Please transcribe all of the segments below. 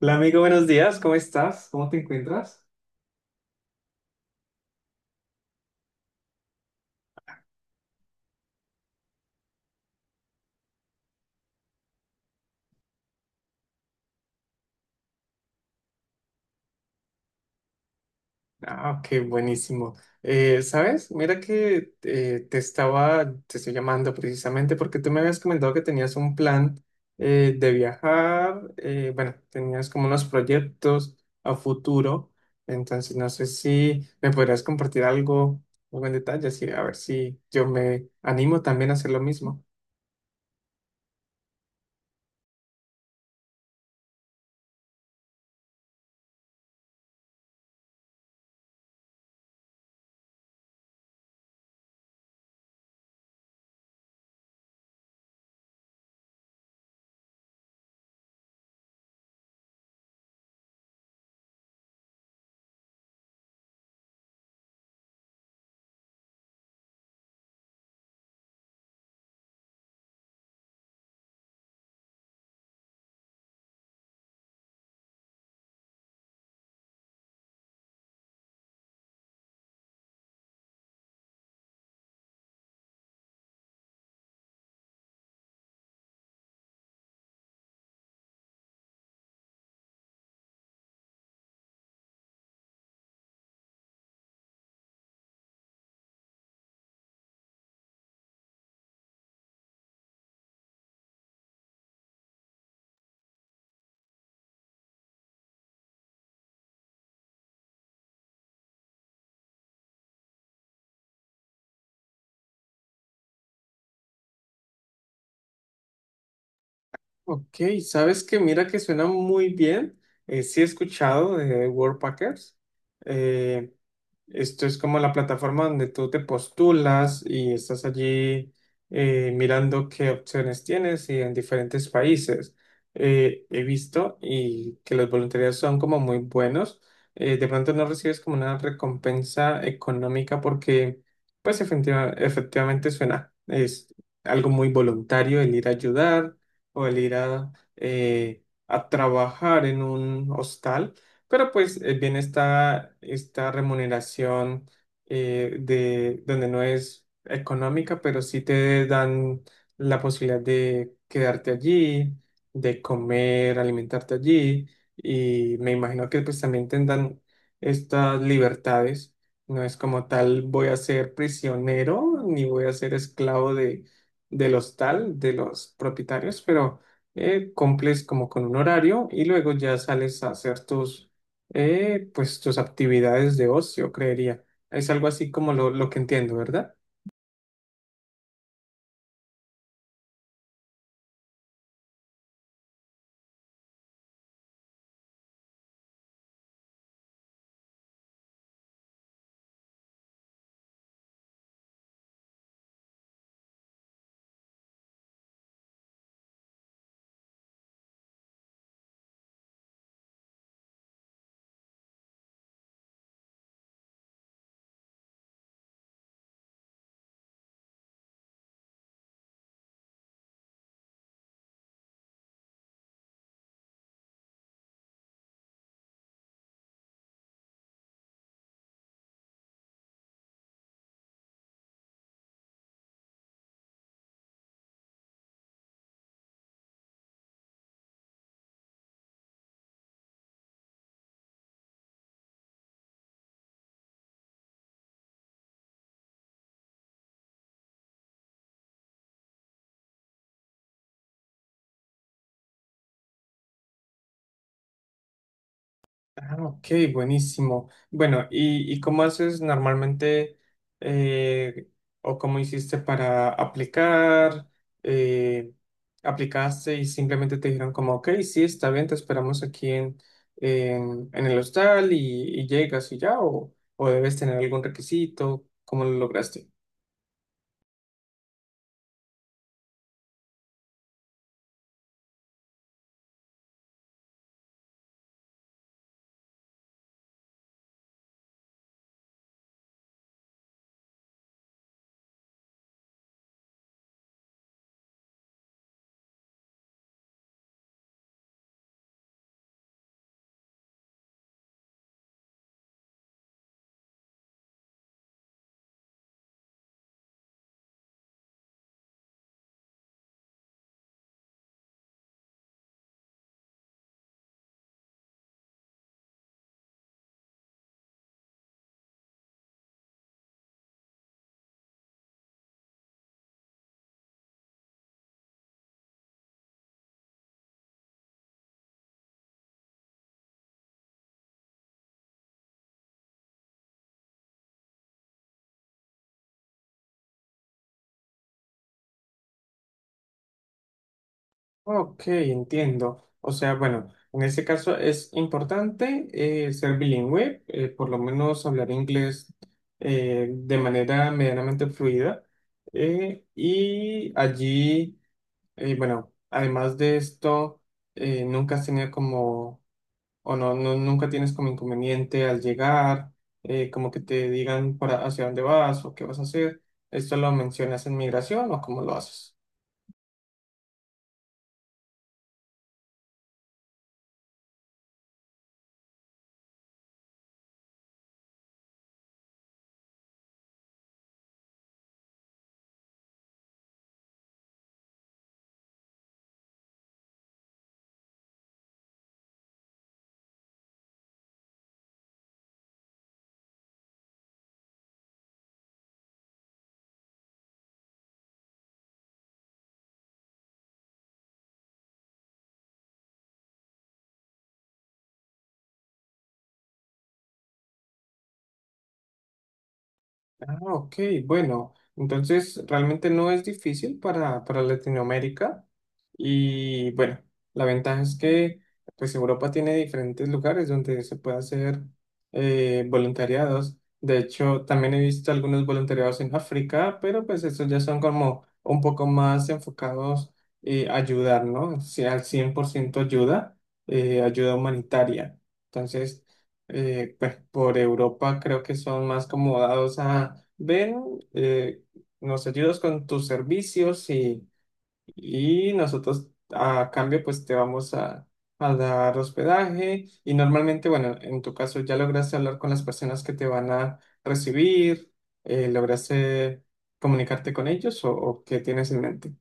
Hola amigo, buenos días, ¿cómo estás? ¿Cómo te encuentras? Ah, ok, buenísimo. ¿Sabes? Mira que te estoy llamando precisamente porque tú me habías comentado que tenías un plan de viajar, bueno, tenías como unos proyectos a futuro, entonces no sé si me podrías compartir algo, algo en detalle, así a ver si yo me animo también a hacer lo mismo. Ok, sabes que mira que suena muy bien. Sí he escuchado de Worldpackers. Eh, esto es como la plataforma donde tú te postulas y estás allí mirando qué opciones tienes y en diferentes países. He visto y que los voluntarios son como muy buenos. De pronto no recibes como una recompensa económica porque pues efectivamente suena. Es algo muy voluntario el ir a ayudar o el ir a trabajar en un hostal, pero pues viene esta remuneración de donde no es económica, pero sí te dan la posibilidad de quedarte allí, de comer, alimentarte allí, y me imagino que pues también tendrán estas libertades. No es como tal, voy a ser prisionero ni voy a ser esclavo de del hostal, de los propietarios, pero cumples como con un horario y luego ya sales a hacer pues, tus actividades de ocio, creería. Es algo así como lo que entiendo, ¿verdad? Ah, ok, buenísimo. Bueno, y cómo haces normalmente eh, o cómo hiciste para aplicar? Eh, ¿Aplicaste y simplemente te dijeron como, ok, sí, está bien, te esperamos aquí en el hostal y llegas y ya? O debes tener algún requisito? ¿Cómo lo lograste? Ok, entiendo. O sea, bueno, en este caso es importante ser bilingüe, por lo menos hablar inglés de manera medianamente fluida. Eh, y allí, bueno, además de esto, nunca has tenido como, o no, nunca tienes como inconveniente al llegar, como que te digan para hacia dónde vas o qué vas a hacer. ¿Esto lo mencionas en migración o cómo lo haces? Ah, ok, bueno, entonces realmente no es difícil para Latinoamérica. Y bueno, la ventaja es que pues Europa tiene diferentes lugares donde se puede hacer voluntariados. De hecho, también he visto algunos voluntariados en África, pero pues estos ya son como un poco más enfocados a ayudar, ¿no? Si al 100% ayuda, ayuda humanitaria. Entonces, pues por Europa creo que son más como dados a, ven, eh, nos ayudas con tus servicios y nosotros a cambio pues te vamos a dar hospedaje y normalmente, bueno, en tu caso ya lograste hablar con las personas que te van a recibir, lograste comunicarte con ellos o qué tienes en mente.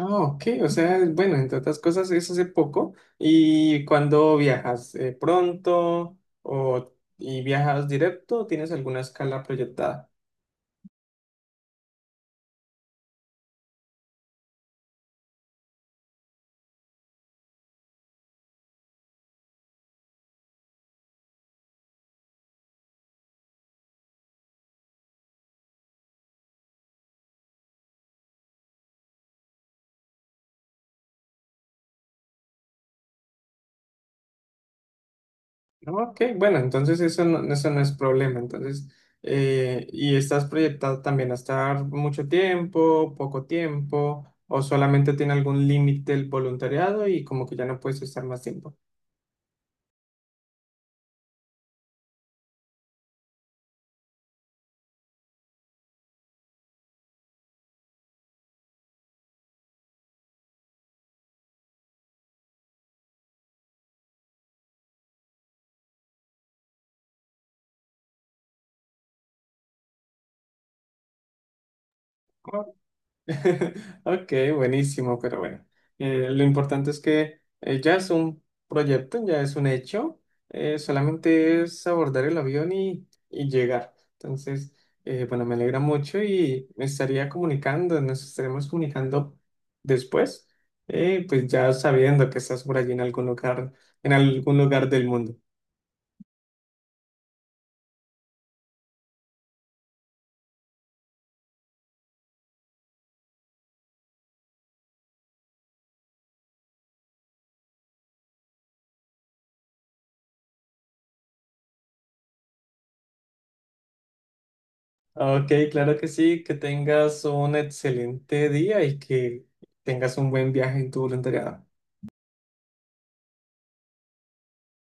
Ah, ok, o sea, bueno, entre otras cosas es hace poco y cuando viajas pronto o y viajas directo, ¿O ¿tienes alguna escala proyectada? Ok, bueno, entonces eso no es problema. Entonces, ¿y estás proyectado también a estar mucho tiempo, poco tiempo, o solamente tiene algún límite el voluntariado y como que ya no puedes estar más tiempo? Ok, buenísimo, pero bueno, lo importante es que ya es un proyecto, ya es un hecho, solamente es abordar el avión y llegar. Entonces, bueno, me alegra mucho y me estaría comunicando, nos estaremos comunicando después, pues ya sabiendo que estás por allí en algún lugar del mundo. Ok, claro que sí, que tengas un excelente día y que tengas un buen viaje en tu voluntariado.